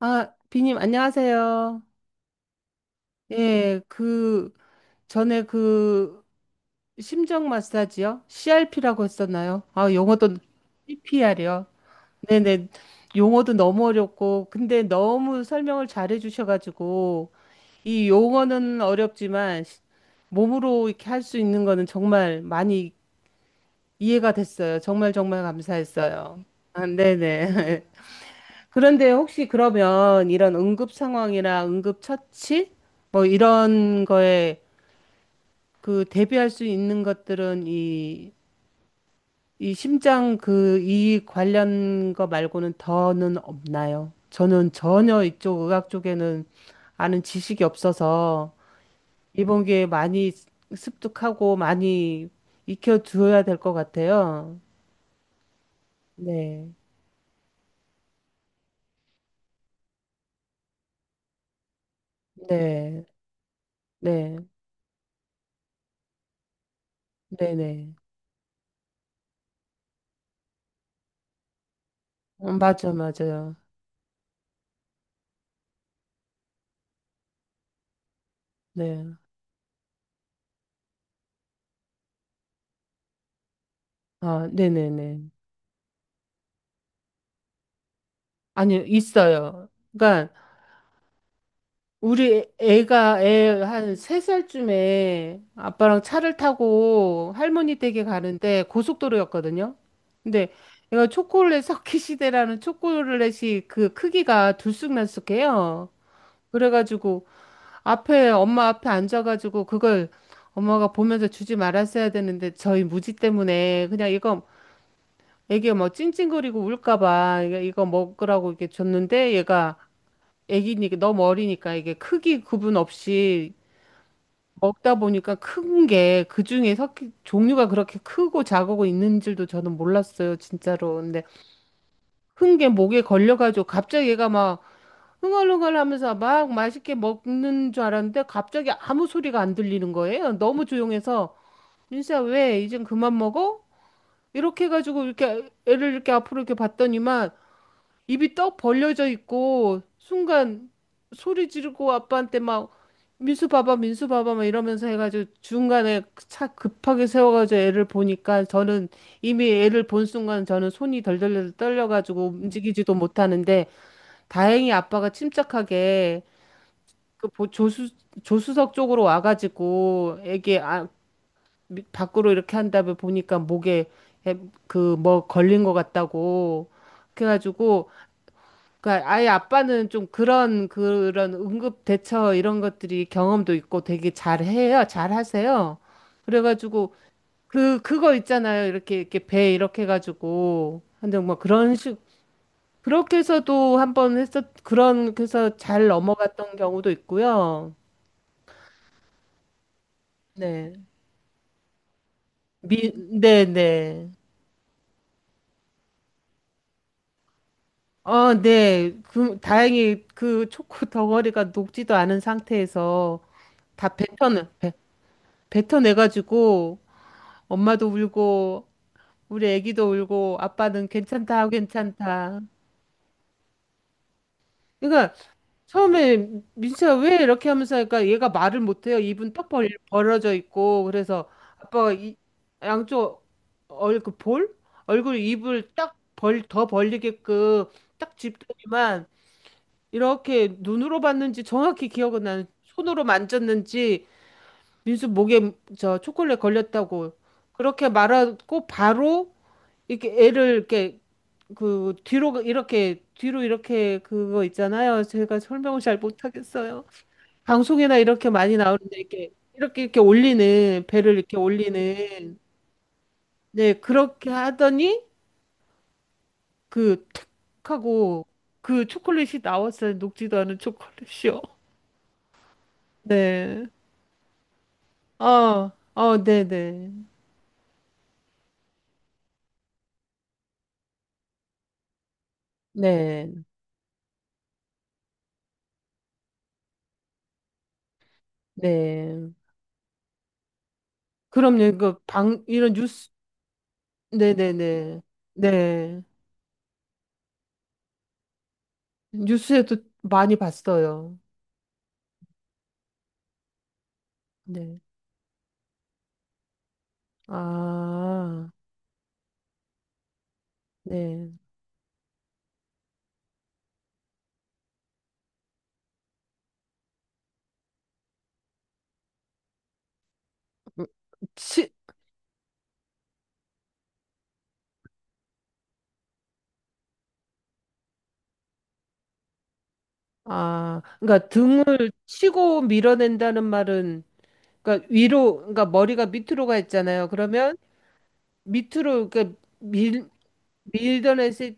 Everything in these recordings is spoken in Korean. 아, 비님, 안녕하세요. 예, 전에 심정 마사지요? CRP라고 했었나요? 아, 용어도, CPR이요? 네네. 용어도 너무 어렵고, 근데 너무 설명을 잘해 주셔가지고, 이 용어는 어렵지만, 몸으로 이렇게 할 수 있는 거는 정말 많이 이해가 됐어요. 정말 정말 감사했어요. 아, 네네. 그런데 혹시 그러면 이런 응급 상황이나 응급 처치 뭐 이런 거에 그 대비할 수 있는 것들은 이 심장 그 이 관련 거 말고는 더는 없나요? 저는 전혀 이쪽 의학 쪽에는 아는 지식이 없어서 이번 기회에 많이 습득하고 많이 익혀두어야 될 것 같아요. 네, 네, 네, 네, 네. 맞아, 맞아요. 네. 아, 네네네. 아니, 있어요. 그러니까, 우리 애가 애 한 세살쯤에 아빠랑 차를 타고 할머니 댁에 가는데 고속도로였거든요. 근데 얘가 초콜릿 석기시대라는 초콜릿이 그 크기가 들쑥날쑥해요. 그래가지고 엄마 앞에 앉아가지고 그걸 엄마가 보면서 주지 말았어야 되는데 저희 무지 때문에 그냥 이거 애기 뭐 찡찡거리고 울까봐 이거 먹으라고 이렇게 줬는데 얘가 애기니까 너무 어리니까 이게 크기 구분 없이 먹다 보니까 큰 게 그중에 섞이 종류가 그렇게 크고 작고 있는 줄도 저는 몰랐어요, 진짜로. 근데 큰 게 목에 걸려가지고 갑자기 얘가 막 흥얼흥얼 하면서 막 맛있게 먹는 줄 알았는데 갑자기 아무 소리가 안 들리는 거예요. 너무 조용해서 민수야 왜 이젠 그만 먹어? 이렇게 해가지고 이렇게 애를 이렇게 앞으로 이렇게 봤더니만 입이 떡 벌려져 있고 순간 소리 지르고 아빠한테 막 민수 봐봐 민수 봐봐 막 이러면서 해가지고 중간에 차 급하게 세워가지고 애를 보니까 저는 이미 애를 본 순간 저는 손이 덜덜덜 떨려가지고 움직이지도 못하는데 다행히 아빠가 침착하게 조수 조수석 쪽으로 와가지고 애기 아, 밖으로 이렇게 한 다음에 보니까 목에 그 뭐 걸린 것 같다고 그래가지고 그러니까 아예 아빠는 좀 그런 응급 대처 이런 것들이 경험도 있고 되게 잘해요. 잘하세요. 그래가지고 그거 있잖아요. 이렇게 이렇게 배 이렇게 해가지고 근데 뭐 그런 식 그렇게 해서도 한번 했었 그런 해서 잘 넘어갔던 경우도 있고요. 네. 미, 네, 네. 어, 네. 그 다행히 그 초코 덩어리가 녹지도 않은 상태에서 다 뱉어내 뱉- 뱉어내가지고 엄마도 울고 우리 애기도 울고 아빠는 괜찮다 괜찮다. 그러니까 처음에 민수야 왜 이렇게 하면서 하니까 얘가 말을 못해요. 입은 턱 벌어져 있고 그래서 아빠가 양쪽 얼굴 볼 얼굴 입을 딱 벌 더 벌리게끔 딱 집더니만 이렇게 눈으로 봤는지 정확히 기억은 나는 손으로 만졌는지 민수 목에 저 초콜릿 걸렸다고 그렇게 말하고 바로 이렇게 애를 이렇게 그 뒤로 이렇게 뒤로 이렇게 그거 있잖아요. 제가 설명을 잘 못하겠어요. 방송이나 이렇게 많이 나오는데 이렇게 이렇게 이렇게 올리는 배를 이렇게 올리는 네 그렇게 하더니 그툭 하고 그 초콜릿이 나왔어요. 녹지도 않은 초콜릿이요. 네. 어, 어, 네네. 네, 네. 네. 그럼요. 이거 방 이런 뉴스, 네네네. 네. 네. 네. 뉴스에도 많이 봤어요. 네. 아, 네. 음, 치, 아, 그러니까 등을 치고 밀어낸다는 말은, 그러니까 위로, 그러니까 머리가 밑으로 가 있잖아요. 그러면 밑으로, 그러니까 밀, 밀던 애세,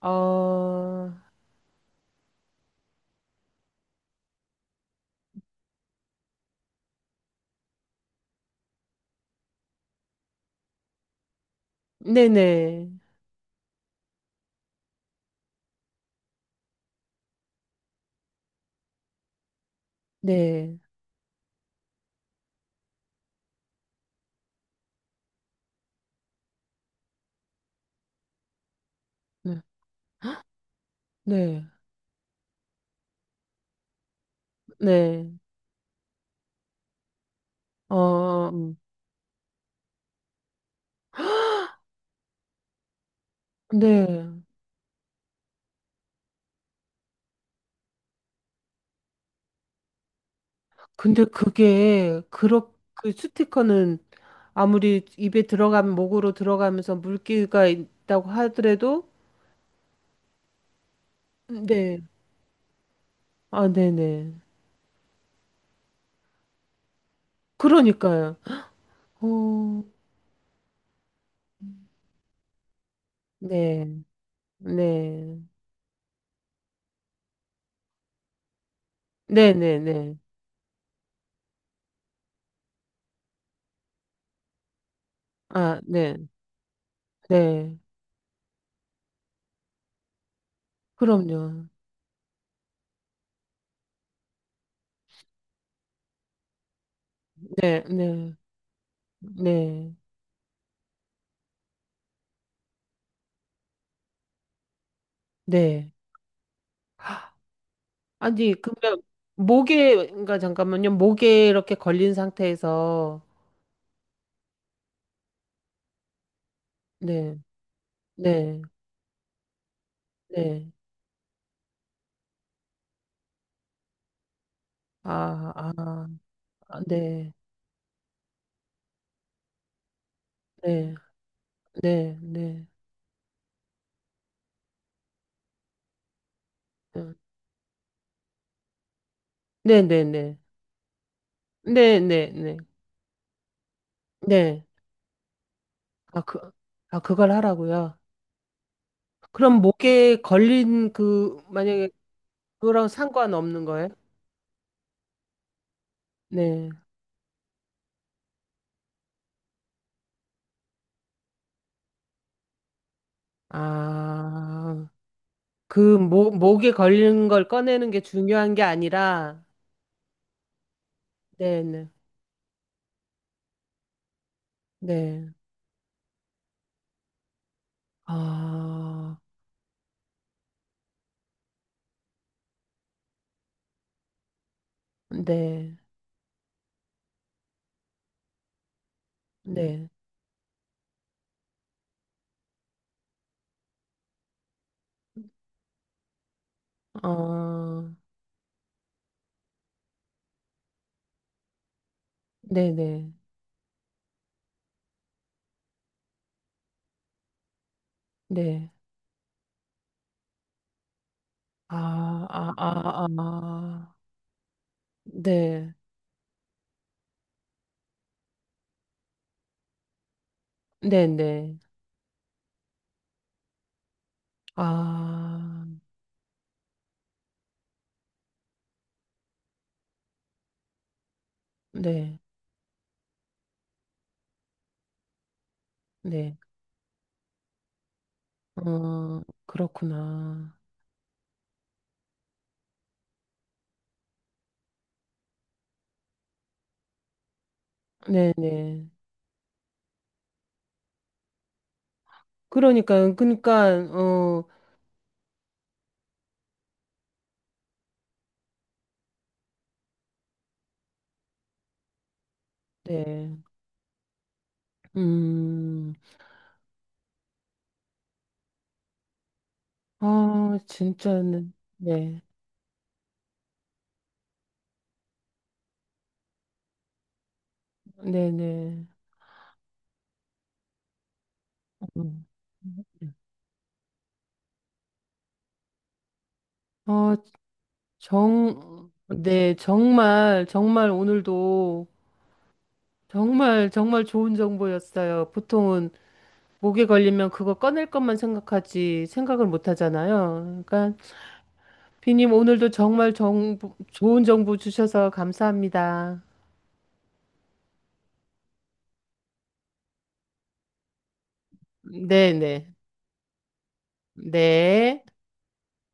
어, 네네, 네, 네, 네, 네, 어, 네. 근데 그 스티커는 아무리 입에 들어가면, 목으로 들어가면서 물기가 있다고 하더라도, 네. 아, 네네. 그러니까요. 어, 네, 네, 네네네. 아, 네, 네. 그럼요. 네, 네, 네, 네. 아니, 그러면 목에, 그러니까 잠깐만요. 목에 이렇게 걸린 상태에서, 네, 네, 네. 아, 아, 아, 네, 네, 네, 네, 네, 네, 네, 네, 네, 네, 네. 네. 아, 그, 아, 그걸 하라고요. 그럼 목에 걸린 그, 만약에 그거랑 상관없는 거예요? 네. 아, 그 목에 걸린 걸 꺼내는 게 중요한 게 아니라, 네네, 네. 네. 아, 네, 네. 어, 네네, 네. 네. 아, 아, 아, 아. 네, 네네. 아, 네, 네. 어, 그렇구나. 네네. 그러니까요. 그러니까 어, 네. 음. 아, 진짜는 네. 네, 네. 음. 어, 정 네, 정말 정말 오늘도 정말 정말 좋은 정보였어요. 보통은 목에 걸리면 그거 꺼낼 것만 생각하지 생각을 못 하잖아요. 그러니까 비님 오늘도 정말 정보, 좋은 정보 주셔서 감사합니다. 네, 네. 네.